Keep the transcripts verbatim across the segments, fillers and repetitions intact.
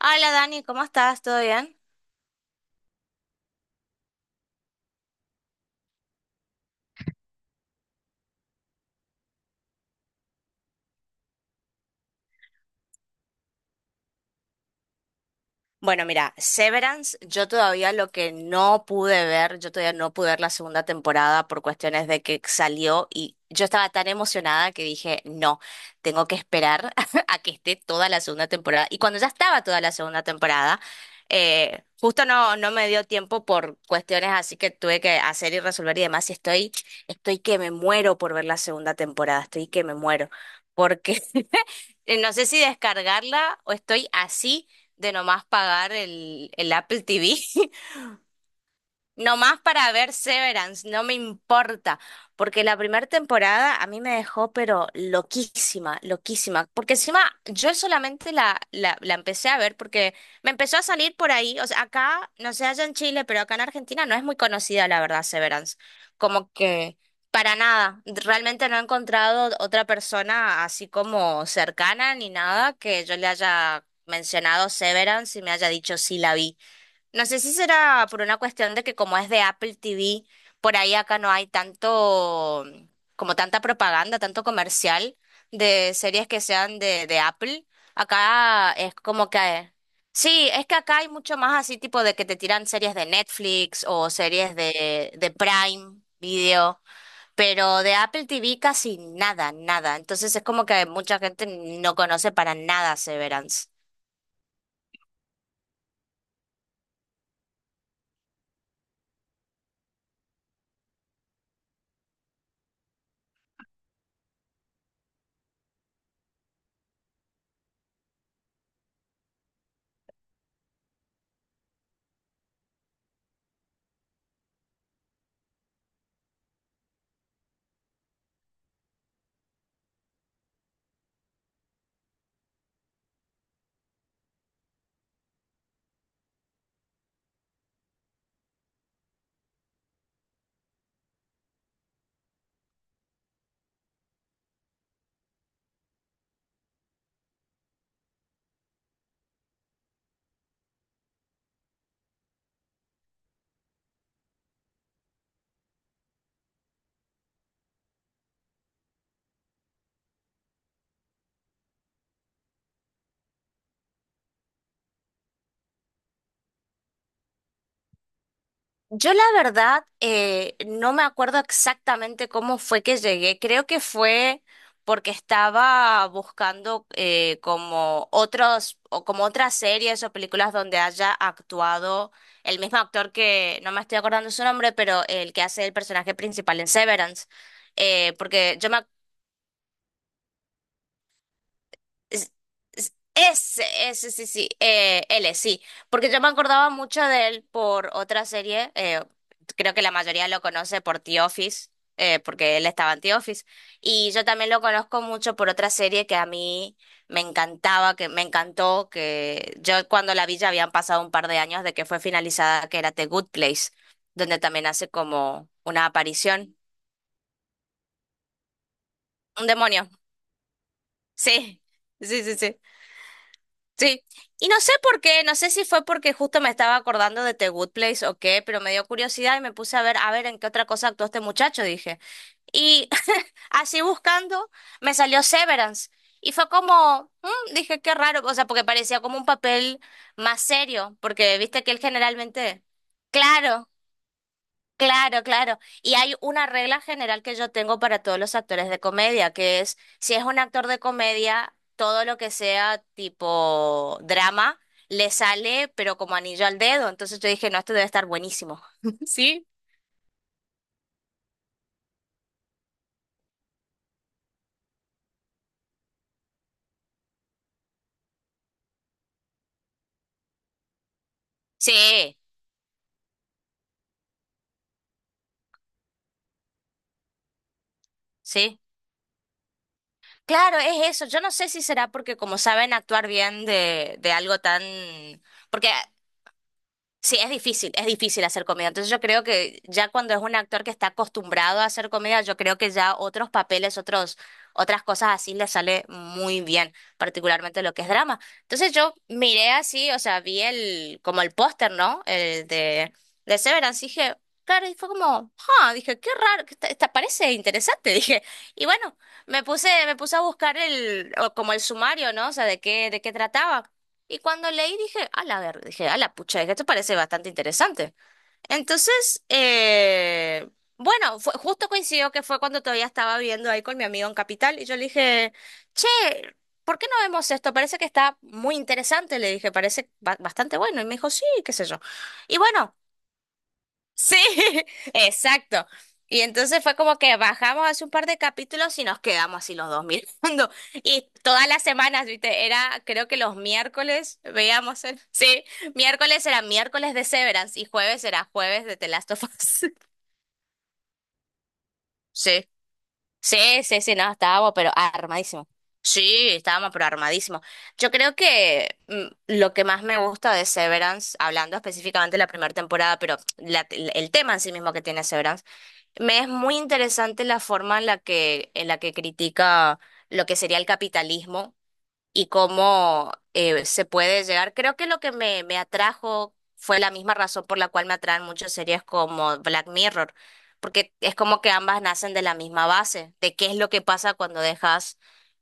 Hola Dani, ¿cómo estás? ¿Todo bien? Bueno, mira, Severance, yo todavía lo que no pude ver, yo todavía no pude ver la segunda temporada por cuestiones de que salió y yo estaba tan emocionada que dije, no, tengo que esperar a que esté toda la segunda temporada. Y cuando ya estaba toda la segunda temporada, eh, justo no, no me dio tiempo por cuestiones así que tuve que hacer y resolver y demás. Y estoy, estoy que me muero por ver la segunda temporada, estoy que me muero. Porque Eh, no sé si descargarla o estoy así de nomás pagar el, el Apple T V. Nomás para ver Severance, no me importa, porque la primera temporada a mí me dejó pero loquísima, loquísima, porque encima yo solamente la, la, la empecé a ver porque me empezó a salir por ahí, o sea, acá, no sé, allá en Chile, pero acá en Argentina no es muy conocida la verdad Severance, como que para nada, realmente no he encontrado otra persona así como cercana ni nada que yo le haya mencionado Severance y me haya dicho sí la vi. No sé si será por una cuestión de que como es de Apple T V, por ahí acá no hay tanto, como tanta propaganda, tanto comercial de series que sean de, de Apple. Acá es como que... Sí, es que acá hay mucho más así tipo de que te tiran series de Netflix o series de, de Prime Video, pero de Apple T V casi nada, nada. Entonces es como que mucha gente no conoce para nada Severance. Yo la verdad eh, no me acuerdo exactamente cómo fue que llegué. Creo que fue porque estaba buscando eh, como otros o como otras series o películas donde haya actuado el mismo actor que no me estoy acordando su nombre, pero el que hace el personaje principal en Severance. Eh, porque yo me Es- es- Ese, ese, sí, sí, eh, él sí, porque yo me acordaba mucho de él por otra serie, eh, creo que la mayoría lo conoce por The Office, eh, porque él estaba en The Office, y yo también lo conozco mucho por otra serie que a mí me encantaba, que me encantó, que yo cuando la vi ya habían pasado un par de años de que fue finalizada, que era The Good Place, donde también hace como una aparición, un demonio, sí, sí, sí, sí. Sí, y no sé por qué, no sé si fue porque justo me estaba acordando de The Good Place o qué, pero me dio curiosidad y me puse a ver, a ver en qué otra cosa actuó este muchacho, dije. Y así buscando, me salió Severance. Y fue como, "Mm", dije, qué raro, o sea, porque parecía como un papel más serio, porque viste que él generalmente, claro, claro, claro. Y hay una regla general que yo tengo para todos los actores de comedia, que es, si es un actor de comedia, todo lo que sea tipo drama le sale, pero como anillo al dedo. Entonces yo dije, no, esto debe estar buenísimo. ¿Sí? Sí, sí. Claro, es eso. Yo no sé si será porque como saben actuar bien de, de algo tan... Porque Sí, es difícil, es difícil hacer comedia. Entonces yo creo que ya cuando es un actor que está acostumbrado a hacer comedia, yo creo que ya otros papeles, otros, otras cosas así le sale muy bien, particularmente lo que es drama. Entonces yo miré así, o sea, vi el, como el póster, ¿no? El de, de Severance, y dije, claro, y fue como, ah, dije, qué raro, que esta, esta parece interesante, dije. Y bueno, me puse, me puse a buscar el, o como el sumario, ¿no? O sea, de qué, de qué trataba. Y cuando leí dije, a la ver, dije, a la pucha, dije, esto parece bastante interesante. Entonces, eh, bueno, fue, justo coincidió que fue cuando todavía estaba viviendo ahí con mi amigo en Capital y yo le dije, che, ¿por qué no vemos esto? Parece que está muy interesante, le dije, parece ba- bastante bueno. Y me dijo, sí, qué sé yo. Y bueno. Sí, exacto. Y entonces fue como que bajamos hace un par de capítulos y nos quedamos así los dos mirando. Y todas las semanas, ¿viste? Era, creo que los miércoles veíamos el... Sí, miércoles era miércoles de Severance y jueves era jueves de The Last of Us. Sí, sí, sí, sí, no, estábamos pero armadísimo. Sí, estábamos pero armadísimo. Yo creo que mm, lo que más me gusta de Severance, hablando específicamente de la primera temporada, pero la- el tema en sí mismo que tiene Severance, me es muy interesante la forma en la que, en la que critica lo que sería el capitalismo y cómo eh, se puede llegar. Creo que lo que me, me atrajo fue la misma razón por la cual me atraen muchas series como Black Mirror, porque es como que ambas nacen de la misma base, de qué es lo que pasa cuando dejas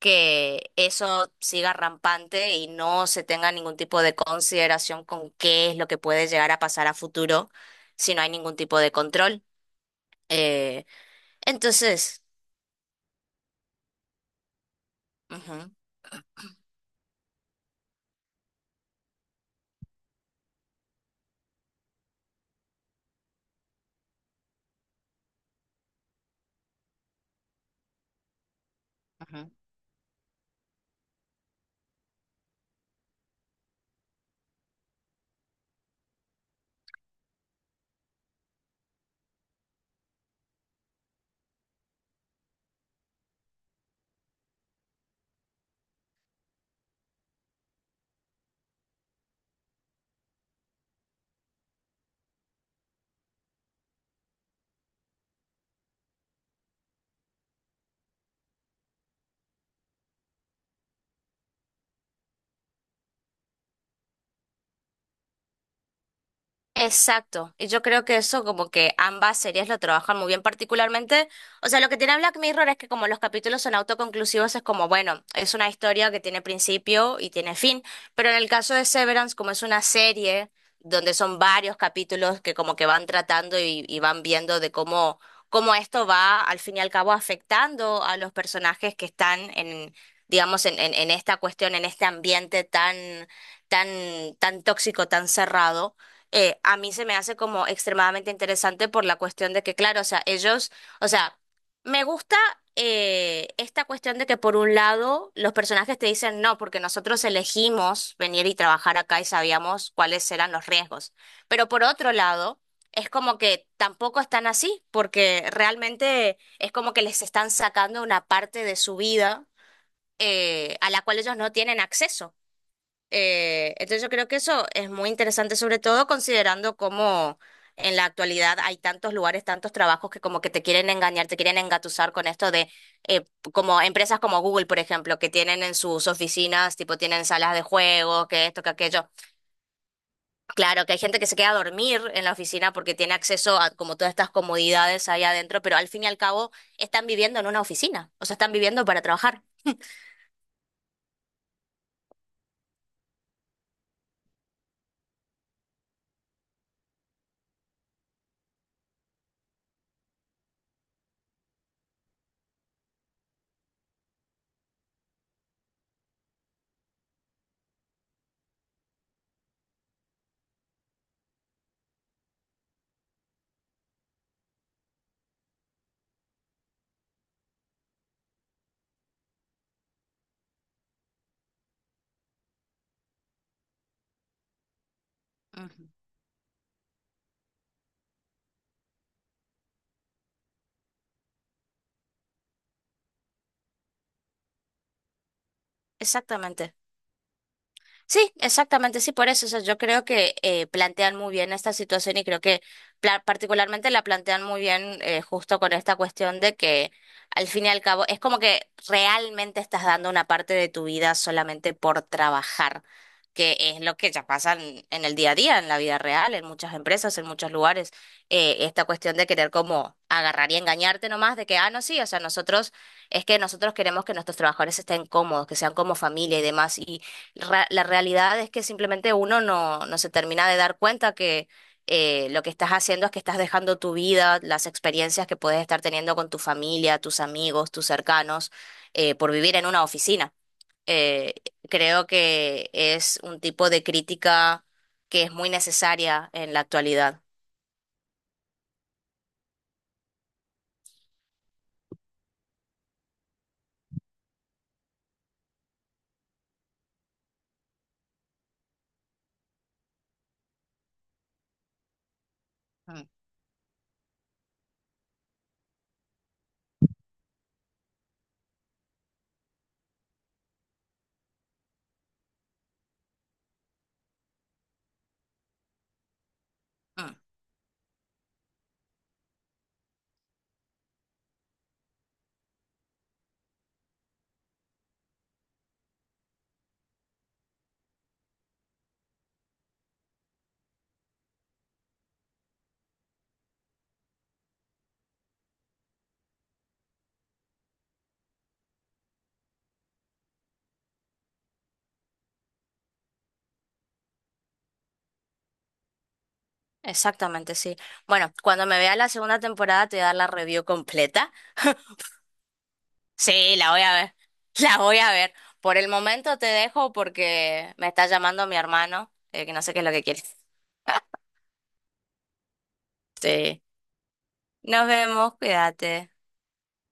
que eso siga rampante y no se tenga ningún tipo de consideración con qué es lo que puede llegar a pasar a futuro si no hay ningún tipo de control. Eh, entonces, ujú, ujú. Exacto, y yo creo que eso como que ambas series lo trabajan muy bien particularmente, o sea, lo que tiene Black Mirror es que como los capítulos son autoconclusivos es como, bueno, es una historia que tiene principio y tiene fin, pero en el caso de Severance como es una serie donde son varios capítulos que como que van tratando y, y van viendo de cómo, cómo esto va al fin y al cabo afectando a los personajes que están en, digamos, en, en en esta cuestión, en este ambiente tan, tan, tan tóxico, tan cerrado eh, a mí se me hace como extremadamente interesante por la cuestión de que, claro, o sea, ellos, o sea, me gusta eh, esta cuestión de que por un lado los personajes te dicen no, porque nosotros elegimos venir y trabajar acá y sabíamos cuáles eran los riesgos, pero por otro lado... Es como que tampoco están así, porque realmente es como que les están sacando una parte de su vida eh, a la cual ellos no tienen acceso. Eh, entonces yo creo que eso es muy interesante, sobre todo considerando cómo en la actualidad hay tantos lugares, tantos trabajos que como que te quieren engañar, te quieren engatusar con esto de eh, como empresas como Google, por ejemplo, que tienen en sus oficinas, tipo tienen salas de juegos, que esto, que aquello. Claro, que hay gente que se queda a dormir en la oficina porque tiene acceso a como todas estas comodidades ahí adentro, pero al fin y al cabo están viviendo en una oficina, o sea, están viviendo para trabajar. Ujú. Exactamente. Sí, exactamente, sí, por eso. O sea, yo creo que eh, plantean muy bien esta situación y creo que pla- particularmente la plantean muy bien eh, justo con esta cuestión de que al fin y al cabo es como que realmente estás dando una parte de tu vida solamente por trabajar, que es lo que ya pasa en, en el día a día, en la vida real, en muchas empresas, en muchos lugares. Eh, esta cuestión de querer como agarrar y engañarte nomás de que, ah, no, sí, o sea, nosotros, es que nosotros queremos que nuestros trabajadores estén cómodos, que sean como familia y demás. Y ra- la realidad es que simplemente uno no, no se termina de dar cuenta que eh, lo que estás haciendo es que estás dejando tu vida, las experiencias que puedes estar teniendo con tu familia, tus amigos, tus cercanos, eh, por vivir en una oficina. Eh, Creo que es un tipo de crítica que es muy necesaria en la actualidad. Mm, mm, Exactamente, sí. Bueno, cuando me vea la segunda temporada te voy a dar la review completa. Sí, la voy a ver. La voy a ver. Por el momento te dejo porque me está llamando mi hermano, eh, que no sé qué es lo que quiere. Sí. Nos vemos, cuídate.